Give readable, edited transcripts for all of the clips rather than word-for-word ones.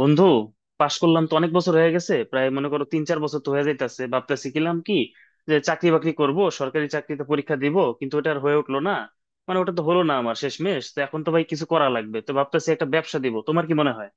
বন্ধু, পাশ করলাম তো অনেক বছর হয়ে গেছে, প্রায় মনে করো 3-4 বছর তো হয়ে যাইতেছে। ভাবতেছি কিলাম কি যে চাকরি বাকরি করব, সরকারি চাকরিতে পরীক্ষা দিব, কিন্তু ওটা আর হয়ে উঠলো না। মানে ওটা তো হলো না আমার। শেষমেশ তো এখন তো ভাই কিছু করা লাগবে, তো ভাবতেছি একটা ব্যবসা দিব, তোমার কি মনে হয়?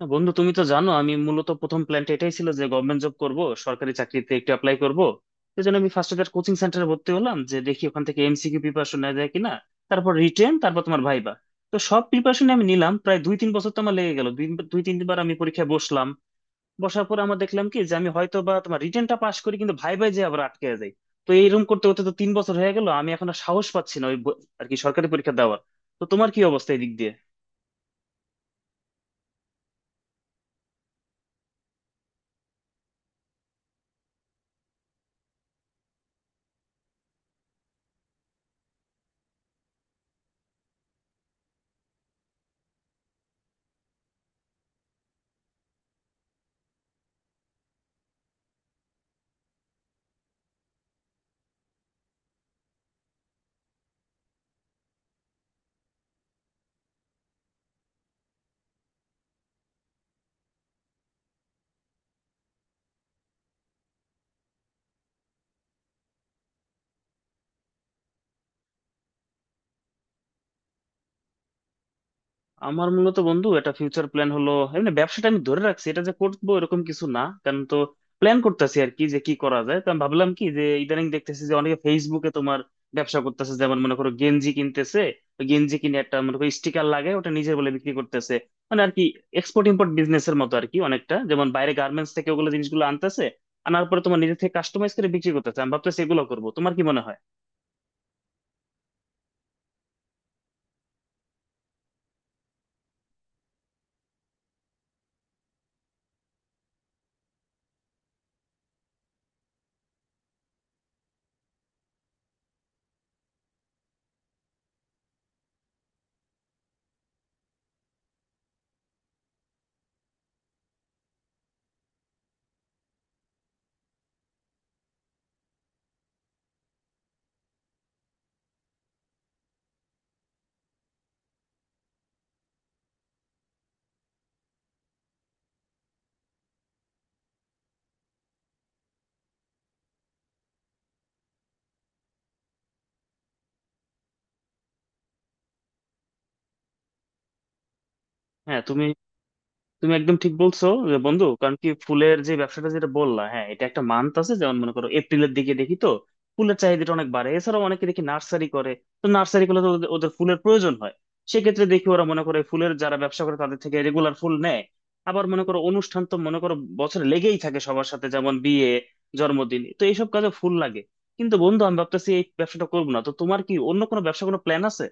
না, বন্ধু, তুমি তো জানো আমি মূলত প্রথম প্ল্যানটা এটাই ছিল যে গভর্নমেন্ট জব করব, সরকারি চাকরিতে একটু অ্যাপ্লাই করব। সেই জন্য আমি ফার্স্ট ইয়ার কোচিং সেন্টারে ভর্তি হলাম যে দেখি ওখান থেকে এমসিকিউ প্রিপারেশন নেওয়া যায় কিনা, তারপর রিটেন, তারপর তোমার ভাইবা। তো সব প্রিপারেশন আমি নিলাম, প্রায় 2-3 বছর তো আমার লেগে গেল। দুই দুই তিনবার আমি পরীক্ষায় বসলাম। বসার পর আমার দেখলাম কি যে আমি হয়তো বা তোমার রিটেনটা পাশ করি, কিন্তু ভাইবাই যে আবার আটকে যাই। তো এইরকম করতে করতে তো 3 বছর হয়ে গেল, আমি এখন আর সাহস পাচ্ছি না ওই আর কি সরকারি পরীক্ষা দেওয়ার। তো তোমার কি অবস্থা এই দিক দিয়ে? আমার মূলত বন্ধু এটা ফিউচার প্ল্যান, হলো এমনি ব্যবসাটা আমি ধরে রাখছি, এটা যে করবো এরকম কিছু না। কারণ তো প্ল্যান করতেছি আর কি যে কি করা যায়। তো আমি ভাবলাম কি যে ইদানিং দেখতেছি যে অনেকে ফেসবুকে তোমার ব্যবসা করতেছে, যেমন মনে করো গেঞ্জি কিনতেছে, ওই গেঞ্জি কিনে একটা মনে করো স্টিকার লাগে ওটা নিজের বলে বিক্রি করতেছে। মানে আর কি এক্সপোর্ট ইম্পোর্ট বিজনেস এর মতো আর কি অনেকটা, যেমন বাইরে গার্মেন্টস থেকে ওগুলো জিনিসগুলো আনতেছে, আনার পরে তোমার নিজে থেকে কাস্টমাইজ করে বিক্রি করতেছে। আমি ভাবতেছি এগুলো করবো, তোমার কি মনে হয়? হ্যাঁ, তুমি তুমি একদম ঠিক বলছো যে, বন্ধু, কারণ কি ফুলের যে ব্যবসাটা যেটা বললা, হ্যাঁ, এটা একটা মান্থ আছে, যেমন মনে করো এপ্রিলের দিকে দেখি তো ফুলের চাহিদাটা অনেক বাড়ে। এছাড়াও অনেকে দেখি নার্সারি করে, তো নার্সারি করলে তো ওদের ওদের ফুলের প্রয়োজন হয়। সেক্ষেত্রে দেখি ওরা মনে করে ফুলের যারা ব্যবসা করে তাদের থেকে রেগুলার ফুল নেয়। আবার মনে করো অনুষ্ঠান তো মনে করো বছরে লেগেই থাকে সবার সাথে, যেমন বিয়ে, জন্মদিন, তো এইসব কাজে ফুল লাগে। কিন্তু বন্ধু, আমি ভাবতেছি এই ব্যবসাটা করবো না। তো তোমার কি অন্য কোনো ব্যবসা কোনো প্ল্যান আছে?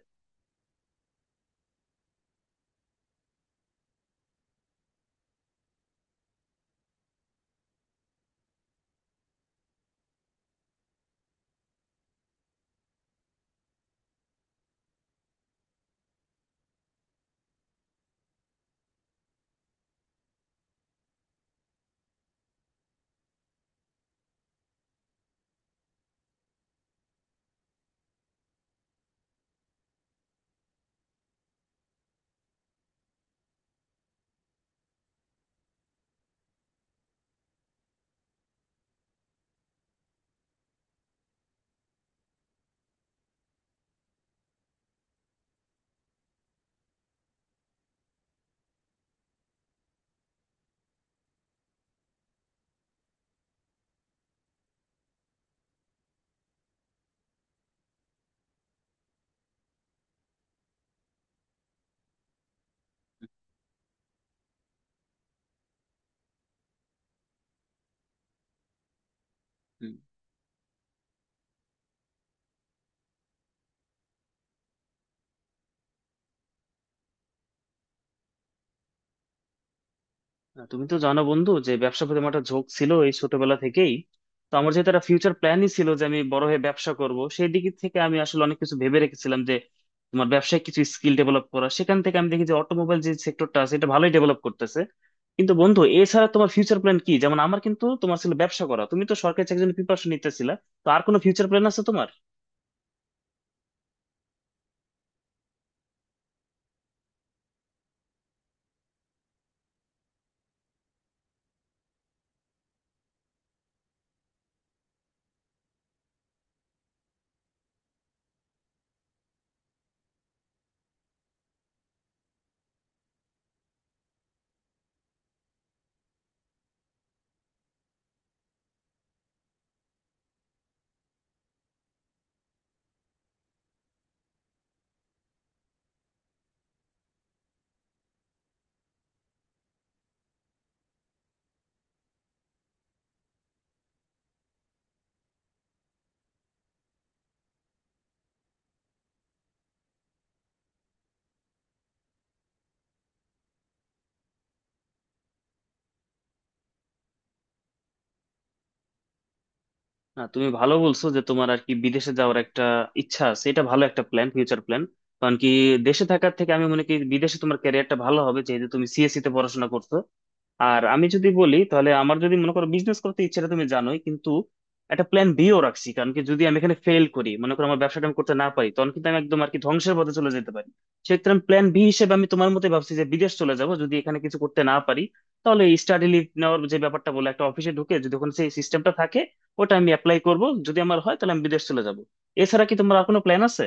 না, তুমি তো জানো বন্ধু যে ব্যবসার প্রতি আমার একটা ঝোঁক ছিল এই ছোটবেলা থেকেই। তো আমার যেহেতু একটা ফিউচার প্ল্যানই ছিল যে আমি বড় হয়ে ব্যবসা করব, সেই দিক থেকে আমি আসলে অনেক কিছু ভেবে রেখেছিলাম যে তোমার ব্যবসায় কিছু স্কিল ডেভেলপ করা। সেখান থেকে আমি দেখি যে অটোমোবাইল যে সেক্টরটা আছে এটা ভালোই ডেভেলপ করতেছে। কিন্তু বন্ধু, এছাড়া তোমার ফিউচার প্ল্যান কি? যেমন আমার কিন্তু তোমার ছিল ব্যবসা করা, তুমি তো সরকারি চাকরির জন্য প্রিপারেশন নিতেছিলা। তো আর কোনো ফিউচার প্ল্যান আছে তোমার? না, তুমি ভালো বলছো যে তোমার আর কি বিদেশে যাওয়ার একটা ইচ্ছা আছে, এটা ভালো একটা প্ল্যান, ফিউচার প্ল্যান। কারণ কি দেশে থাকার থেকে আমি মনে করি বিদেশে তোমার ক্যারিয়ারটা ভালো হবে যেহেতু তুমি সিএসসি তে পড়াশোনা করছো। আর আমি যদি বলি তাহলে আমার যদি মনে করো বিজনেস করতে ইচ্ছাটা তুমি জানোই, কিন্তু একটা প্ল্যান বিও রাখছি কারণ কি যদি আমি এখানে ফেল করি, মনে করো আমার ব্যবসাটা আমি করতে না পারি, তখন কিন্তু আমি একদম আর কি ধ্বংসের পথে চলে যেতে পারি। সেক্ষেত্রে আমি প্ল্যান বি হিসেবে আমি তোমার মতে ভাবছি যে বিদেশ চলে যাব, যদি এখানে কিছু করতে না পারি। তাহলে স্টাডি লিভ নেওয়ার যে ব্যাপারটা বলে একটা অফিসে ঢুকে যদি ওখানে সেই সিস্টেমটা থাকে, ওটা আমি অ্যাপ্লাই করব। যদি আমার হয় তাহলে আমি বিদেশ চলে যাব। এছাড়া কি তোমার আর কোনো প্ল্যান আছে?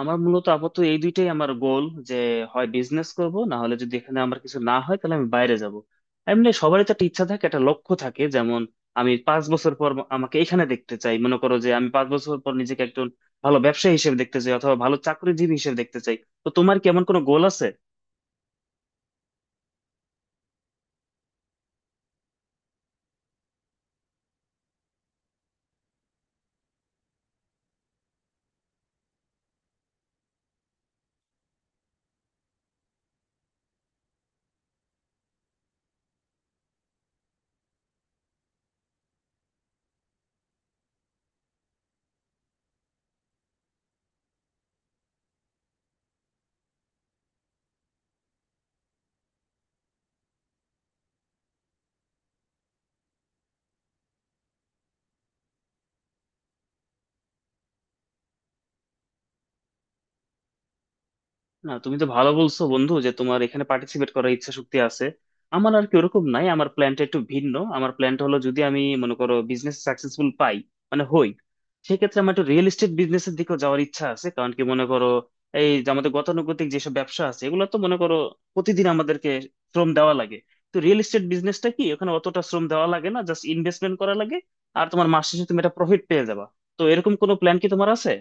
আমার মূলত আপাতত এই দুইটাই আমার গোল, যে হয় বিজনেস করব, না হলে যদি এখানে আমার কিছু না হয় তাহলে আমি বাইরে যাব। এমনি সবারই তো একটা ইচ্ছা থাকে, একটা লক্ষ্য থাকে, যেমন আমি 5 বছর পর আমাকে এখানে দেখতে চাই, মনে করো যে আমি 5 বছর পর নিজেকে একজন ভালো ব্যবসায়ী হিসেবে দেখতে চাই অথবা ভালো চাকরিজীবী হিসেবে দেখতে চাই। তো তোমার কি এমন কোনো গোল আছে? না, তুমি তো ভালো বলছো বন্ধু যে তোমার এখানে পার্টিসিপেট করার ইচ্ছা শক্তি আছে। আমার আর কি ওরকম নাই, আমার প্ল্যানটা একটু ভিন্ন। আমার প্ল্যানটা হলো যদি আমি মনে করো বিজনেস সাকসেসফুল পাই, মানে হই, সেক্ষেত্রে আমার একটু রিয়েল এস্টেট বিজনেসের দিকেও যাওয়ার ইচ্ছা আছে। কারণ কি, মনে করো এই যে আমাদের গতানুগতিক যেসব ব্যবসা আছে এগুলো তো মনে করো প্রতিদিন আমাদেরকে শ্রম দেওয়া লাগে। তো রিয়েল এস্টেট বিজনেসটা কি ওখানে অতটা শ্রম দেওয়া লাগে না, জাস্ট ইনভেস্টমেন্ট করা লাগে। আর তোমার মাস শেষে তুমি একটা প্রফিট পেয়ে যাবা। তো এরকম কোনো প্ল্যান কি তোমার আছে?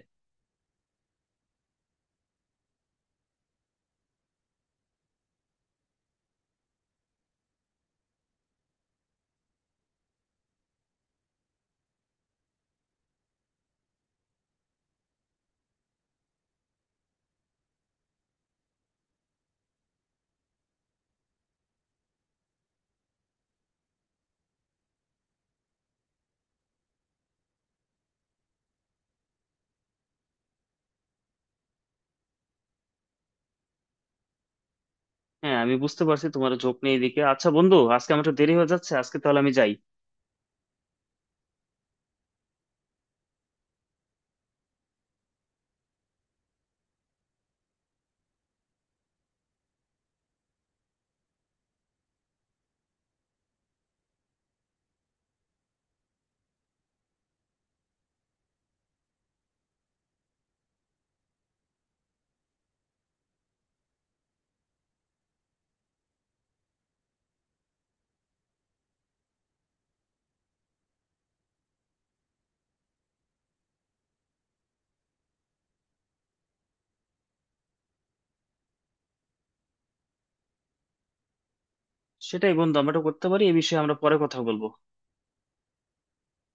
হ্যাঁ, আমি বুঝতে পারছি তোমার ঝোঁক নেই এদিকে। আচ্ছা বন্ধু, আজকে আমার একটু দেরি হয়ে যাচ্ছে, আজকে তাহলে আমি যাই। সেটাই বন্ধু, আমরা এটা করতে পারি, এই বিষয়ে আমরা পরে কথা বলবো।